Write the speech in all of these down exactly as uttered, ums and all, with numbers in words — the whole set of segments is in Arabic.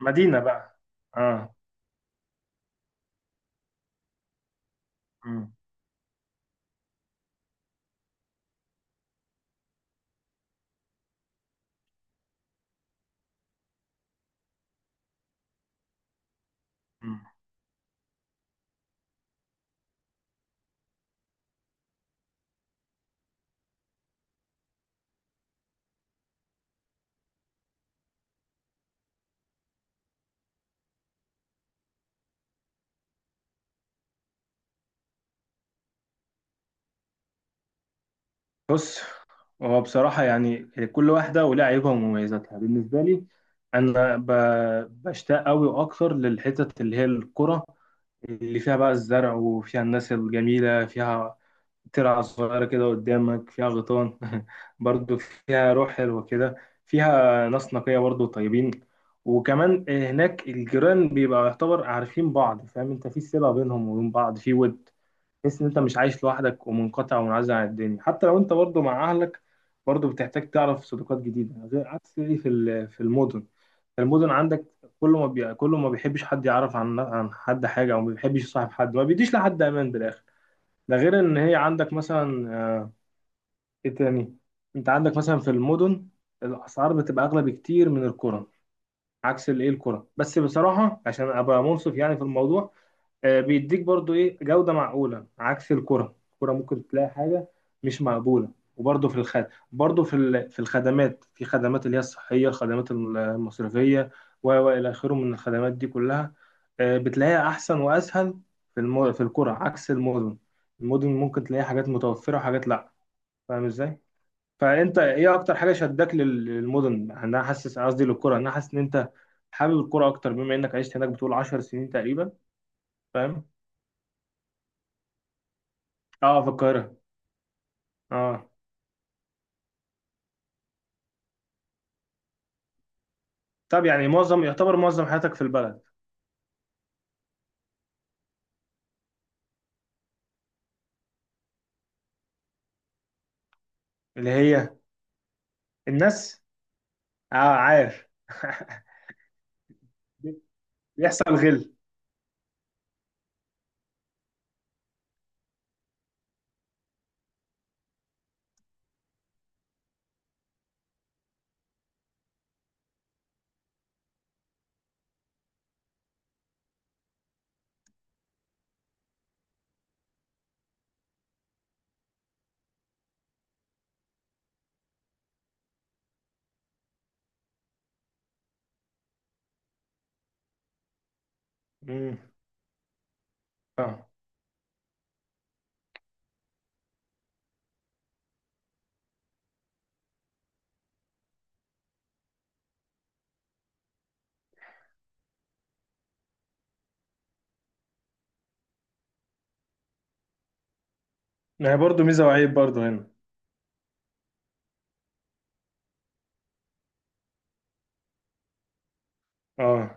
مدينة بقى. اه. مم. مم. بص، هو بصراحة يعني كل واحدة ولها عيوبها ومميزاتها. بالنسبة لي أنا ب- بشتاق أوي وأكتر للحتت اللي هي القرى، اللي فيها بقى الزرع، وفيها الناس الجميلة، فيها ترعة صغيرة كده قدامك فيها غيطان برضو فيها روح حلوة كده، فيها ناس نقية برضو طيبين. وكمان هناك الجيران بيبقى يعتبر عارفين بعض، فاهم انت في صلة بينهم وبين بعض، في ود. تحس ان انت مش عايش لوحدك ومنقطع ومنعزل عن الدنيا، حتى لو انت برضو مع اهلك برضو بتحتاج تعرف صداقات جديده، غير عكس ايه في ال- في المدن. المدن عندك كله ما بي... كله ما بيحبش حد يعرف عن عن حد حاجه، او ما بيحبش يصاحب حد، ما بيديش لحد امان بالاخر. ده غير ان هي عندك مثلا، آه، ايه تاني، انت عندك مثلا في المدن الاسعار بتبقى اغلى بكتير من القرى، عكس الايه القرى. بس بصراحه عشان ابقى منصف يعني في الموضوع، آه، بيديك برضو ايه جودة معقولة عكس الكرة. الكرة ممكن تلاقي حاجة مش مقبولة. وبرضو في الخد، برضو في ال- في الخدمات، في خدمات اللي هي الصحية، الخدمات المصرفية، و و إلى آخره من الخدمات دي كلها، آه، بتلاقيها أحسن وأسهل في الم... في الكرة، عكس المدن. المدن ممكن تلاقي حاجات متوفرة وحاجات لأ. فاهم إزاي؟ فأنت إيه أكتر حاجة شدك لل- للمدن؟ يعني أنا حاسس، قصدي للكرة، أنا حاسس إن أنت حابب الكرة أكتر بما إنك عشت هناك بتقول عشر سنين تقريبا. فاهم؟ اه، في القاهرة. اه. طب يعني معظم، يعتبر معظم حياتك في البلد. اللي هي الناس. اه، عايش. بيحصل غل. امم. اه، ما هي برضه ميزه وعيب برضه هنا. اه،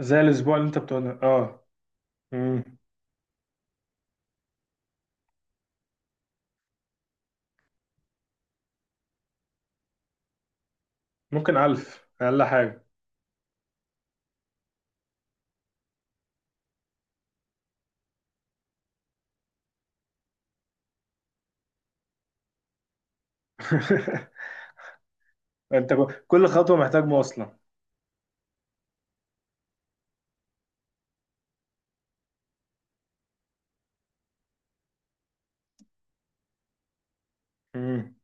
زي الاسبوع اللي انت بتقوله. اه. امم. ممكن الف اقل حاجه. انت، كل خطوه محتاج مواصله. امم.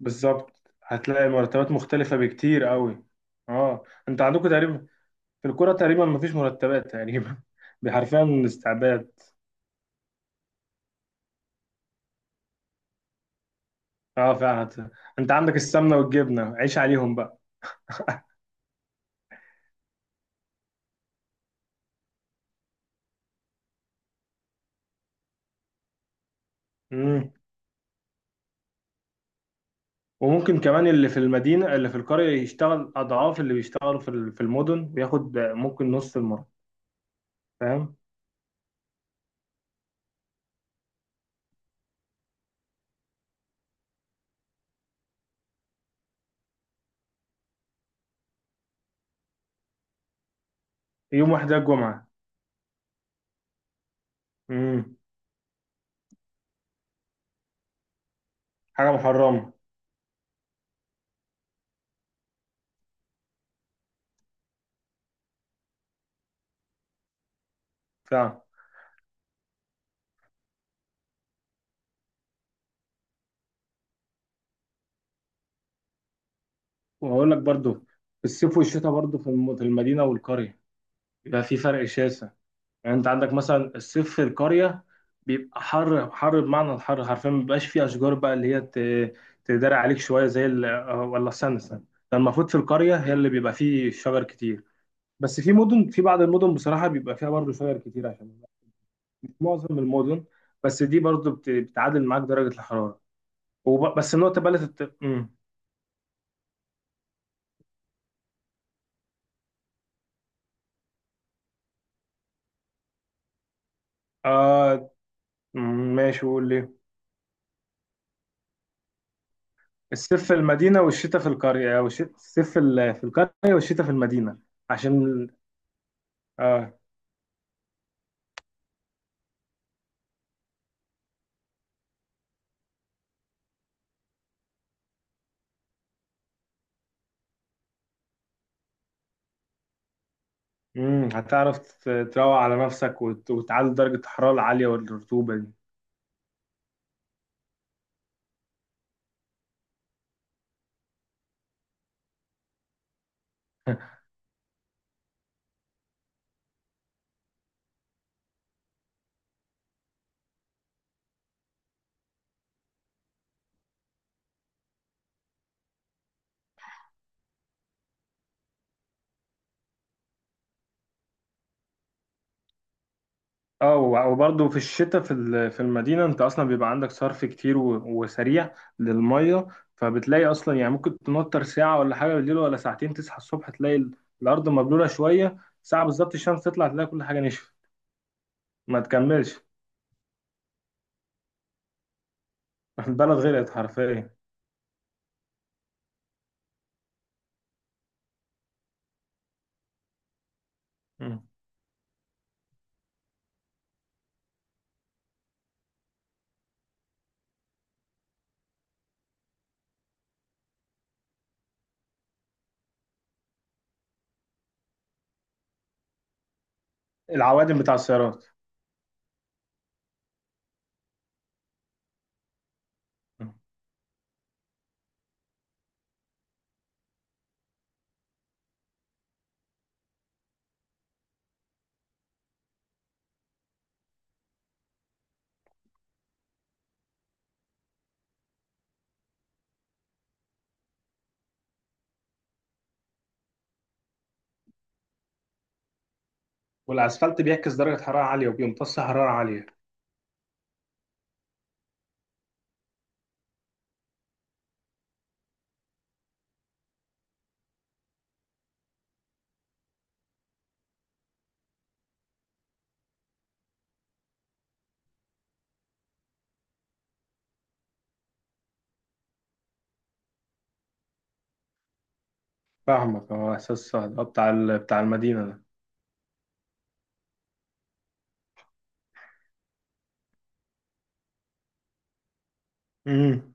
بالظبط، هتلاقي المرتبات مختلفه بكتير قوي. اه، انت عندكم تقريبا في الكوره تقريبا مفيش مرتبات تقريبا. حرفيا استعباد. اه، فعلا. انت عندك السمنه والجبنه عيش عليهم بقى. امم. وممكن كمان اللي في المدينه، اللي في القريه، يشتغل اضعاف اللي بيشتغلوا في ال- في المدن وياخد ممكن نص المرتب. فاهم. يوم واحد ده الجمعه. امم. حاجه محرمه. فعلا. وهقول لك برضو في الصيف والشتاء برضو في الم- في المدينه والقريه بيبقى في فرق شاسع. يعني انت عندك مثلا الصيف في القريه بيبقى حر حر، بمعنى الحر حرفيا، ما بيبقاش فيه اشجار بقى اللي هي ت- تداري عليك شويه، زي ال- آه، ولا استنى استنى، ده المفروض في القريه هي اللي بيبقى فيه شجر كتير. بس في مدن، في بعض المدن بصراحه بيبقى فيها برضه شجر كتير، عشان مش معظم المدن، بس دي برضه بت- بتعادل معاك درجه الحراره. وب... بس النقطه بقى اللي تت... مم. آه. مم، ماشي، قول لي. الصيف في المدينه والشتاء في القريه، والشتاء، الصيف في ال- في القريه والشتاء في المدينه، عشان. اه. امم، هتعرف ت- تروق على نفسك، وت- وتعلي درجة الحرارة العالية والرطوبة دي. اه، و- وبرضه في الشتاء في ال- في المدينة انت اصلا بيبقى عندك صرف كتير و- وسريع للمية. فبتلاقي اصلا يعني ممكن تنطر ساعة ولا حاجة بالليل ولا ساعتين، تصحى الصبح تلاقي ال- الارض مبلولة شوية ساعة، بالظبط الشمس تطلع تلاقي كل حاجة نشفت. ما تكملش. البلد غرقت حرفيا. مم. العوادم بتاع السيارات. مم. والاسفلت بيعكس درجة حرارة عالية وبيمتص حرارة عالية. فاهمك، اه، احساس صعب، آه، بتاع ال- بتاع المدينه ده. امم.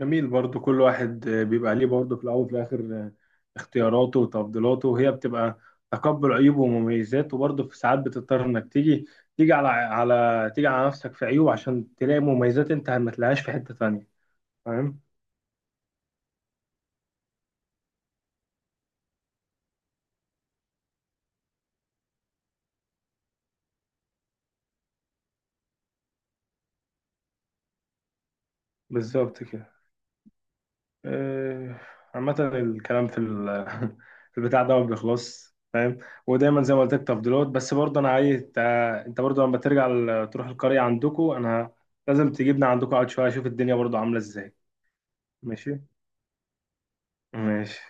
جميل، برضو كل واحد آه، بيبقى ليه، برضو في الاول وفي الاخر آه، اختياراته وتفضيلاته، وهي بتبقى تقبل عيوبه ومميزاته، وبرضو في ساعات بتضطر انك تيجي، تيجي على على تيجي على نفسك في عيوب عشان تلاقي مميزات انت ما تلاقيهاش في حته تانيه. فاهم. بالظبط كده. آه، عامة الكلام في ال- في البتاع ده ما بيخلصش، فاهم. ودايما زي ما قلت لك تفضيلات. بس برضه انا عايز انت، انت برضه لما ترجع ال- تروح القرية عندكم، انا لازم تجيبنا عندكم اقعد شوية اشوف الدنيا برضه عاملة ازاي. ماشي. ماشي.